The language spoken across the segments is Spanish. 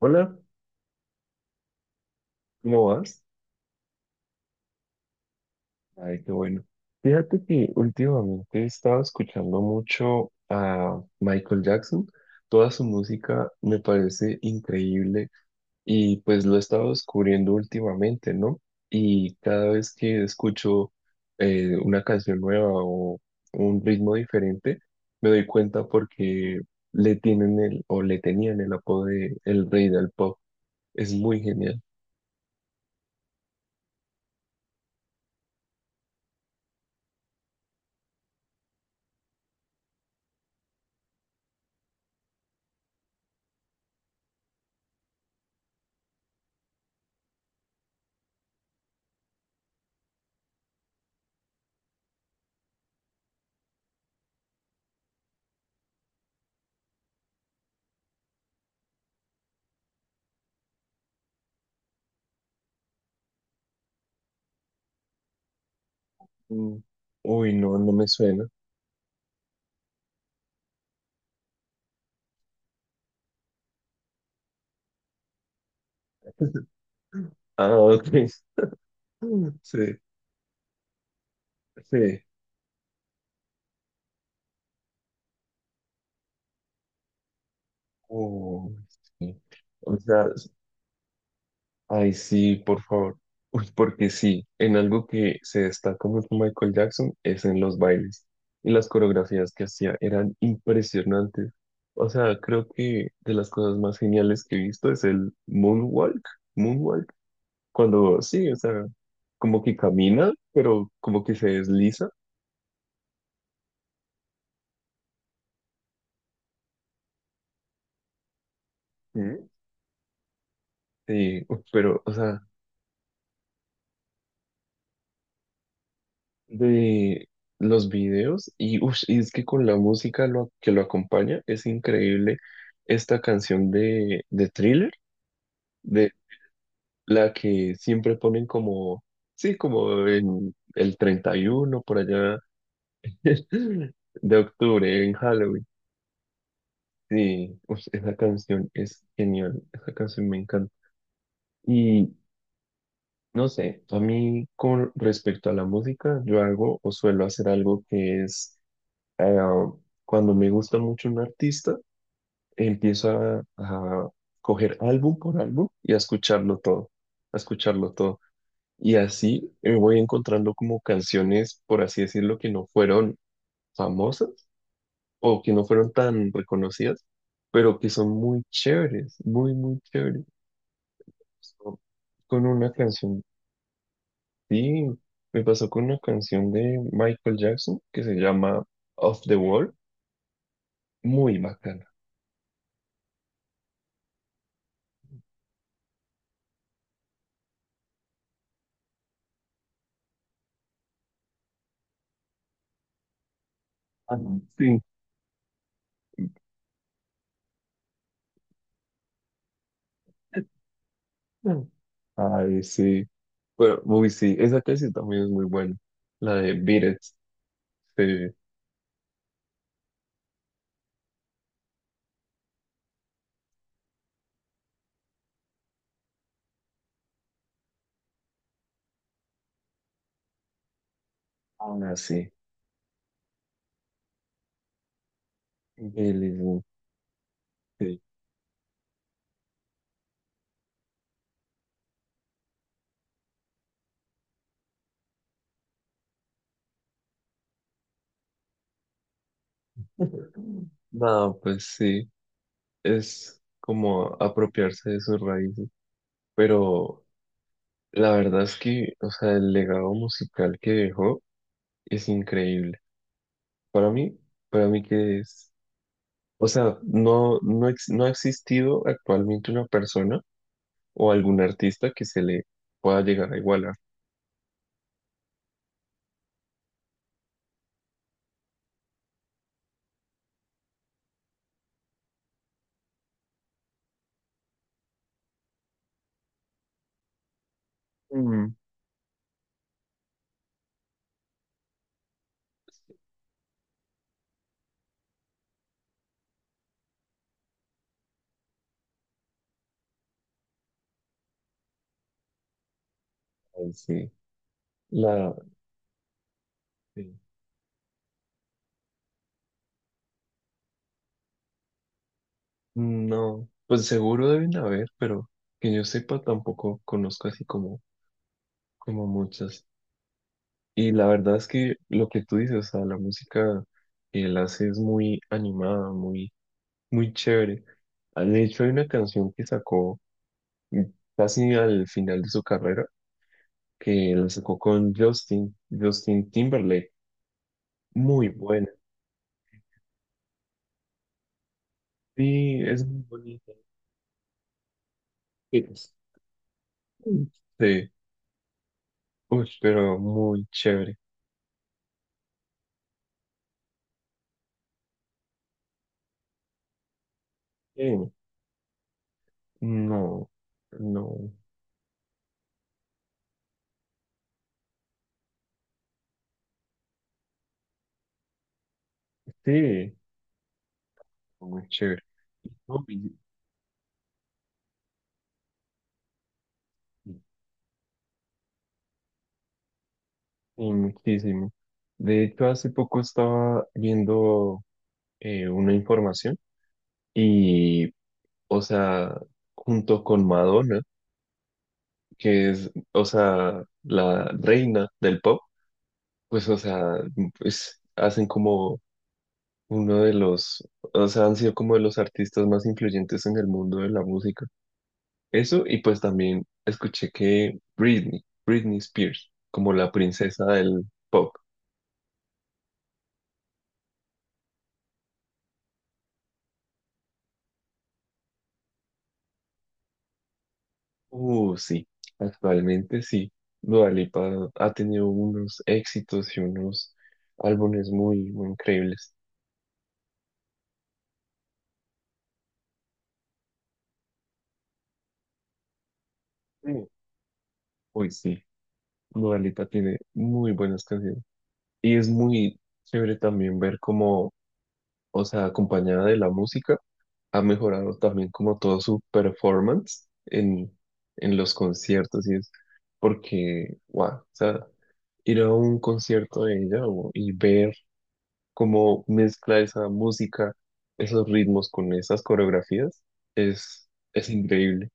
Hola, ¿cómo vas? Ay, qué bueno. Fíjate que últimamente he estado escuchando mucho a Michael Jackson. Toda su música me parece increíble y pues lo he estado descubriendo últimamente, ¿no? Y cada vez que escucho una canción nueva o un ritmo diferente, me doy cuenta porque le tenían el apodo de el rey del pop. Es muy genial. Mm. Uy, no, no me suena. Ah, ok. Sí, sí. Oh, sí. O sea, ay, sí, por favor. Uy, porque sí, en algo que se destaca mucho Michael Jackson es en los bailes. Y las coreografías que hacía eran impresionantes. O sea, creo que de las cosas más geniales que he visto es el moonwalk. Moonwalk. Cuando, sí, o sea, como que camina, pero como que se desliza. Sí. Sí, uf, pero, o sea, de los videos y, ush, y es que con la música que lo acompaña es increíble esta canción de Thriller, de la que siempre ponen como, sí, como en el 31 por allá de octubre, en Halloween. Sí, ush, esa canción es genial, esa canción me encanta. Y no sé, a mí con respecto a la música, yo hago o suelo hacer algo que es eh, cuando me gusta mucho un artista, empiezo a coger álbum por álbum y a escucharlo todo, a escucharlo todo. Y así voy encontrando como canciones, por así decirlo, que no fueron famosas o que no fueron tan reconocidas, pero que son muy chéveres, muy, muy chéveres. So, con una canción, sí, me pasó con una canción de Michael Jackson que se llama Off the Wall, muy bacana. Ah, sí. Mm. Ay, sí. Bueno, uy, sí, esa casi también es muy buena. La de Beat It, sí. Ahora sí. Billy, sí. Nada, pues sí. Es como apropiarse de sus raíces. Pero la verdad es que, o sea, el legado musical que dejó es increíble. Para mí, para mí que es. O sea, no ha existido actualmente una persona o algún artista que se le pueda llegar a igualar. Ay, sí, la, sí. No, pues seguro deben haber, pero que yo sepa tampoco conozco así como, como muchas. Y la verdad es que lo que tú dices, o sea, la música que él hace es muy animada, muy, muy chévere. Ah, de hecho, hay una canción que sacó mm, casi al final de su carrera, que la sacó con Justin Timberlake. Muy buena. Sí, es muy bonita. Sí, uy, pero muy chévere. Eh, no, no. Sí, muy chévere. No, y- y muchísimo. De hecho, hace poco estaba viendo una información y, o sea, junto con Madonna, que es, o sea, la reina del pop, pues, o sea, pues hacen como uno de los, o sea, han sido como de los artistas más influyentes en el mundo de la música. Eso, y pues también escuché que Britney Spears, como la princesa del pop. Sí, actualmente sí. Dua Lipa ha tenido unos éxitos y unos álbumes muy, muy increíbles. Mm. Uy, sí, Dua Lipa tiene muy buenas canciones. Y es muy chévere también ver cómo, o sea, acompañada de la música, ha mejorado también como todo su performance en los conciertos y es porque, wow, o sea, ir a un concierto de ella y ver cómo mezcla esa música, esos ritmos con esas coreografías, es increíble.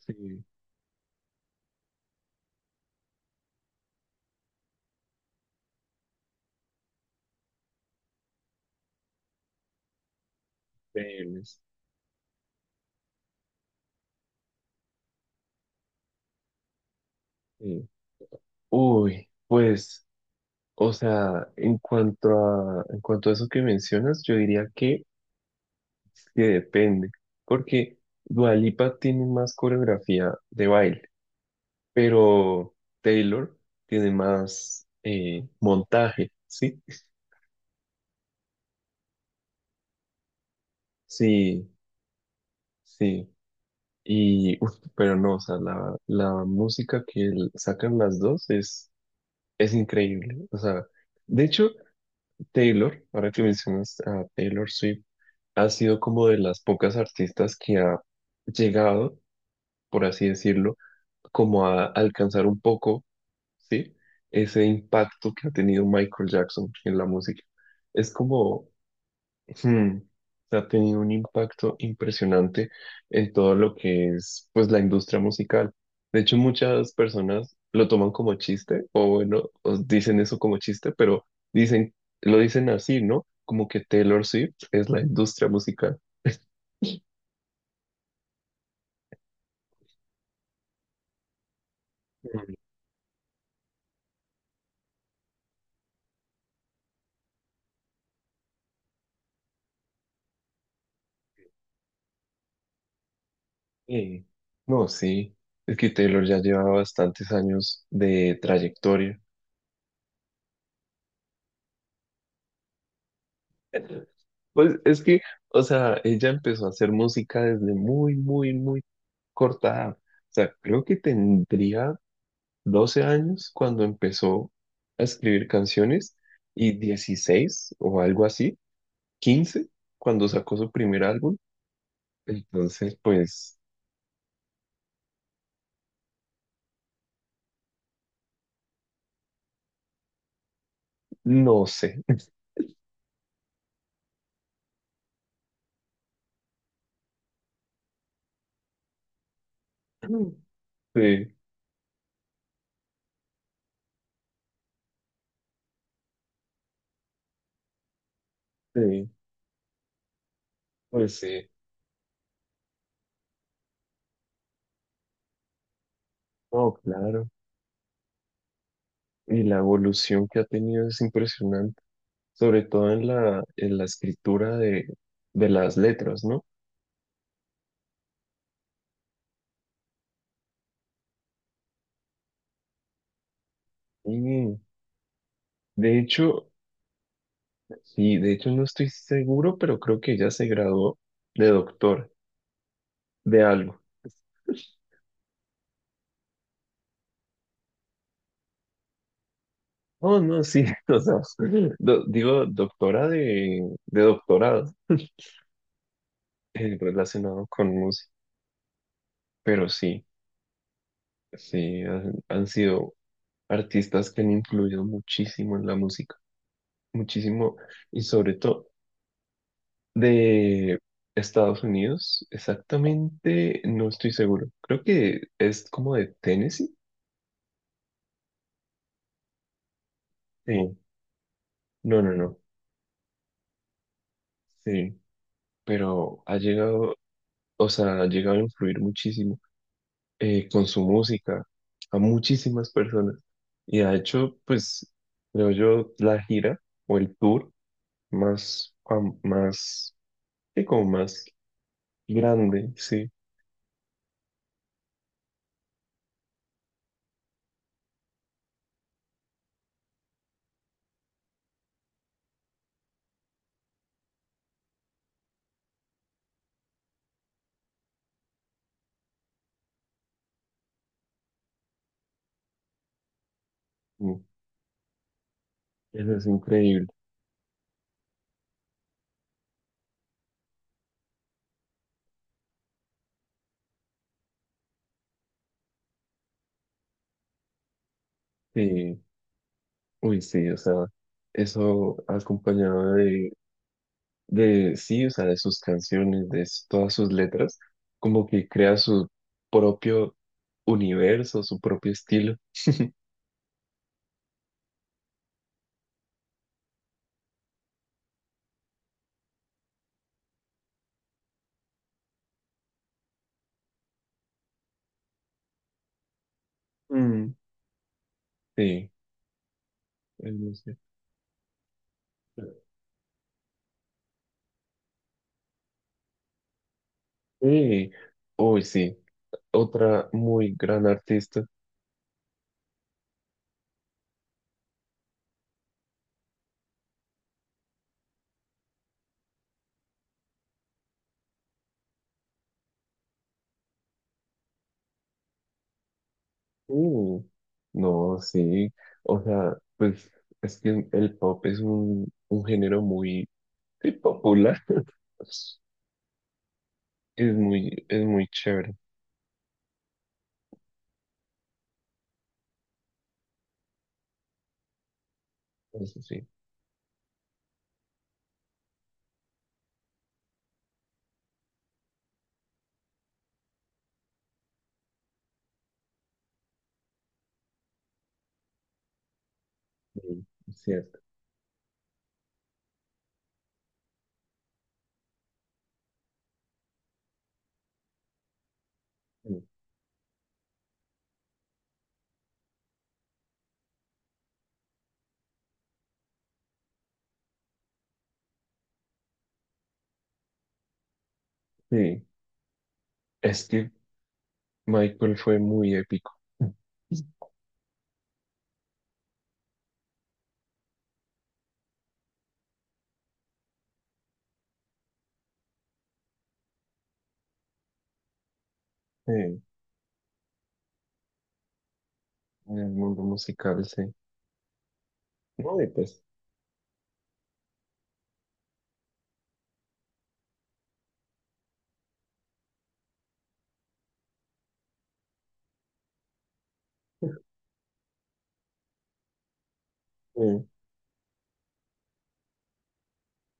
Sí, increíbles sí. Uy, pues, o sea, en cuanto a eso que mencionas, yo diría que depende, porque Dua Lipa tiene más coreografía de baile, pero Taylor tiene más montaje, ¿sí? Sí, sí. Y, uf, pero no, o sea, la música que sacan las dos es increíble. O sea, de hecho, Taylor, ahora que mencionas a Taylor Swift, ha sido como de las pocas artistas que ha llegado, por así decirlo, como a alcanzar un poco, ¿sí? Ese impacto que ha tenido Michael Jackson en la música. Es como, hmm, ha tenido un impacto impresionante en todo lo que es, pues, la industria musical. De hecho, muchas personas lo toman como chiste, o bueno, os dicen eso como chiste, pero dicen, lo dicen así, ¿no? Como que Taylor Swift es la industria musical. Sí. No, sí. Es que Taylor ya lleva bastantes años de trayectoria. Pues es que, o sea, ella empezó a hacer música desde muy, muy, muy corta edad. O sea, creo que tendría 12 años cuando empezó a escribir canciones y 16 o algo así, 15 cuando sacó su primer álbum. Entonces, pues, no sé. Sí, sí, pues sí. No, claro. Y la evolución que ha tenido es impresionante, sobre todo en la escritura de las letras, ¿no? Mm, de hecho, sí, de hecho no estoy seguro, pero creo que ya se graduó de doctor de algo. Oh, no, sí, o sea, digo doctora de doctorado relacionado con música, pero sí, sí, han, han sido artistas que han influido muchísimo en la música, muchísimo, y sobre todo de Estados Unidos, exactamente, no estoy seguro, creo que es como de Tennessee, sí, no, no, no. Sí, pero ha llegado, o sea, ha llegado a influir muchísimo con su música a muchísimas personas. Y ha hecho, pues, creo yo, la gira o el tour más, sí, como más grande, sí. Mm, eso es increíble. Sí, uy, sí, o sea, eso acompañado de sí, o sea, de sus canciones, de todas sus letras, como que crea su propio universo, su propio estilo. Mm, sí, es muy cierto. Sí, uy, sí, otra muy gran artista. Uh, no, sí, o sea, pues es que el pop es un género muy sí, popular. Es muy chévere. Eso sí, sí, es cierto. Sí, es que Michael fue muy épico eh, en el mundo musical, sí. No, y pues eh,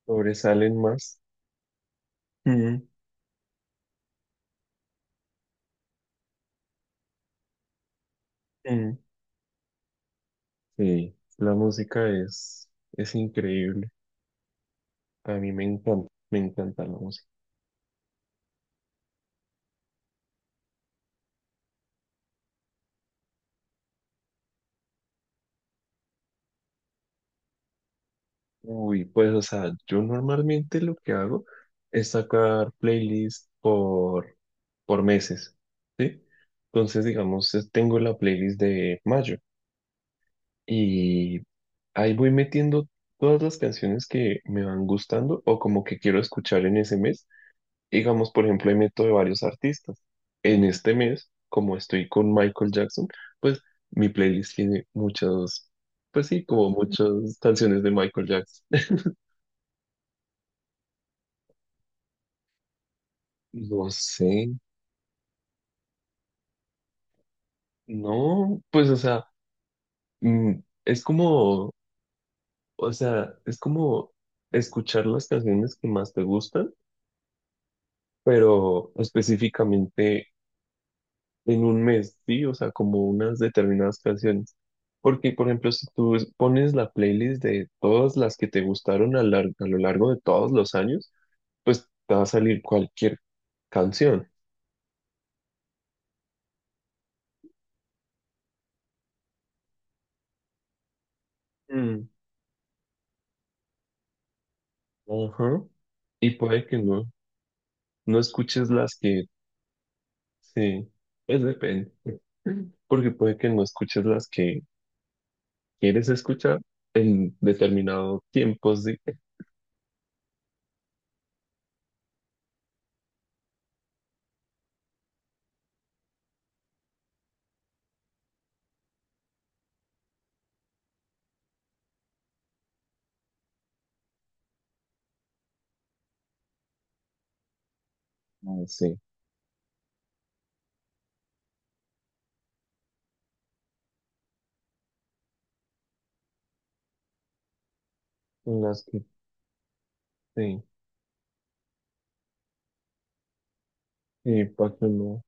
sobresalen más. Mm, mm. Sí, la música es increíble. A mí me encanta la música. Uy, pues, o sea, yo normalmente lo que hago es sacar playlists por meses, ¿sí? Entonces, digamos, tengo la playlist de mayo. Y ahí voy metiendo todas las canciones que me van gustando o como que quiero escuchar en ese mes. Digamos, por ejemplo, ahí meto de varios artistas. En este mes, como estoy con Michael Jackson, pues mi playlist tiene muchas, pues sí, como muchas canciones de Michael Jackson. No sé, no, pues o sea, mm, es como, o sea, es como escuchar las canciones que más te gustan, pero específicamente en un mes, ¿sí? O sea, como unas determinadas canciones. Porque, por ejemplo, si tú pones la playlist de todas las que te gustaron a lo largo de todos los años, pues te va a salir cualquier canción. Mm, ajá. Y puede que no escuches las que, sí, pues depende. Porque puede que no escuches las que quieres escuchar en determinado tiempo, sí. Ah, sí. Las que, sí, sí, para que no.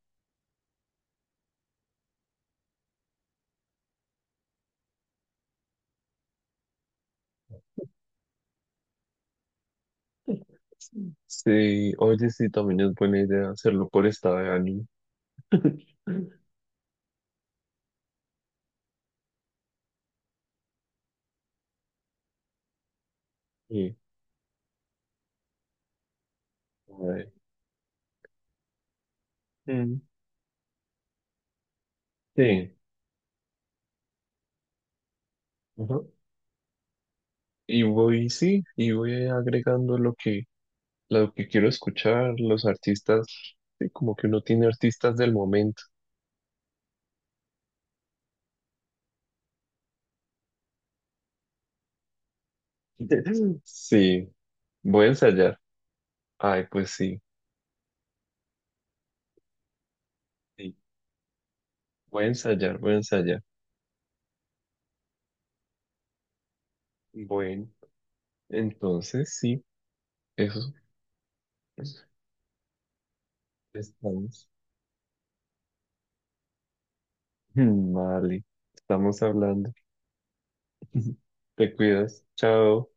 Sí, oye, sí, también es buena idea hacerlo por estado de ánimo. Y, a ver, mm, sí, ajá. Y voy, sí, y voy agregando lo que quiero escuchar, los artistas, sí, como que uno tiene artistas del momento. Sí, voy a ensayar. Ay, pues sí, sí, voy a ensayar, voy a ensayar. Bueno, entonces sí, eso estamos. Vale, estamos hablando. Te cuidas. Chao.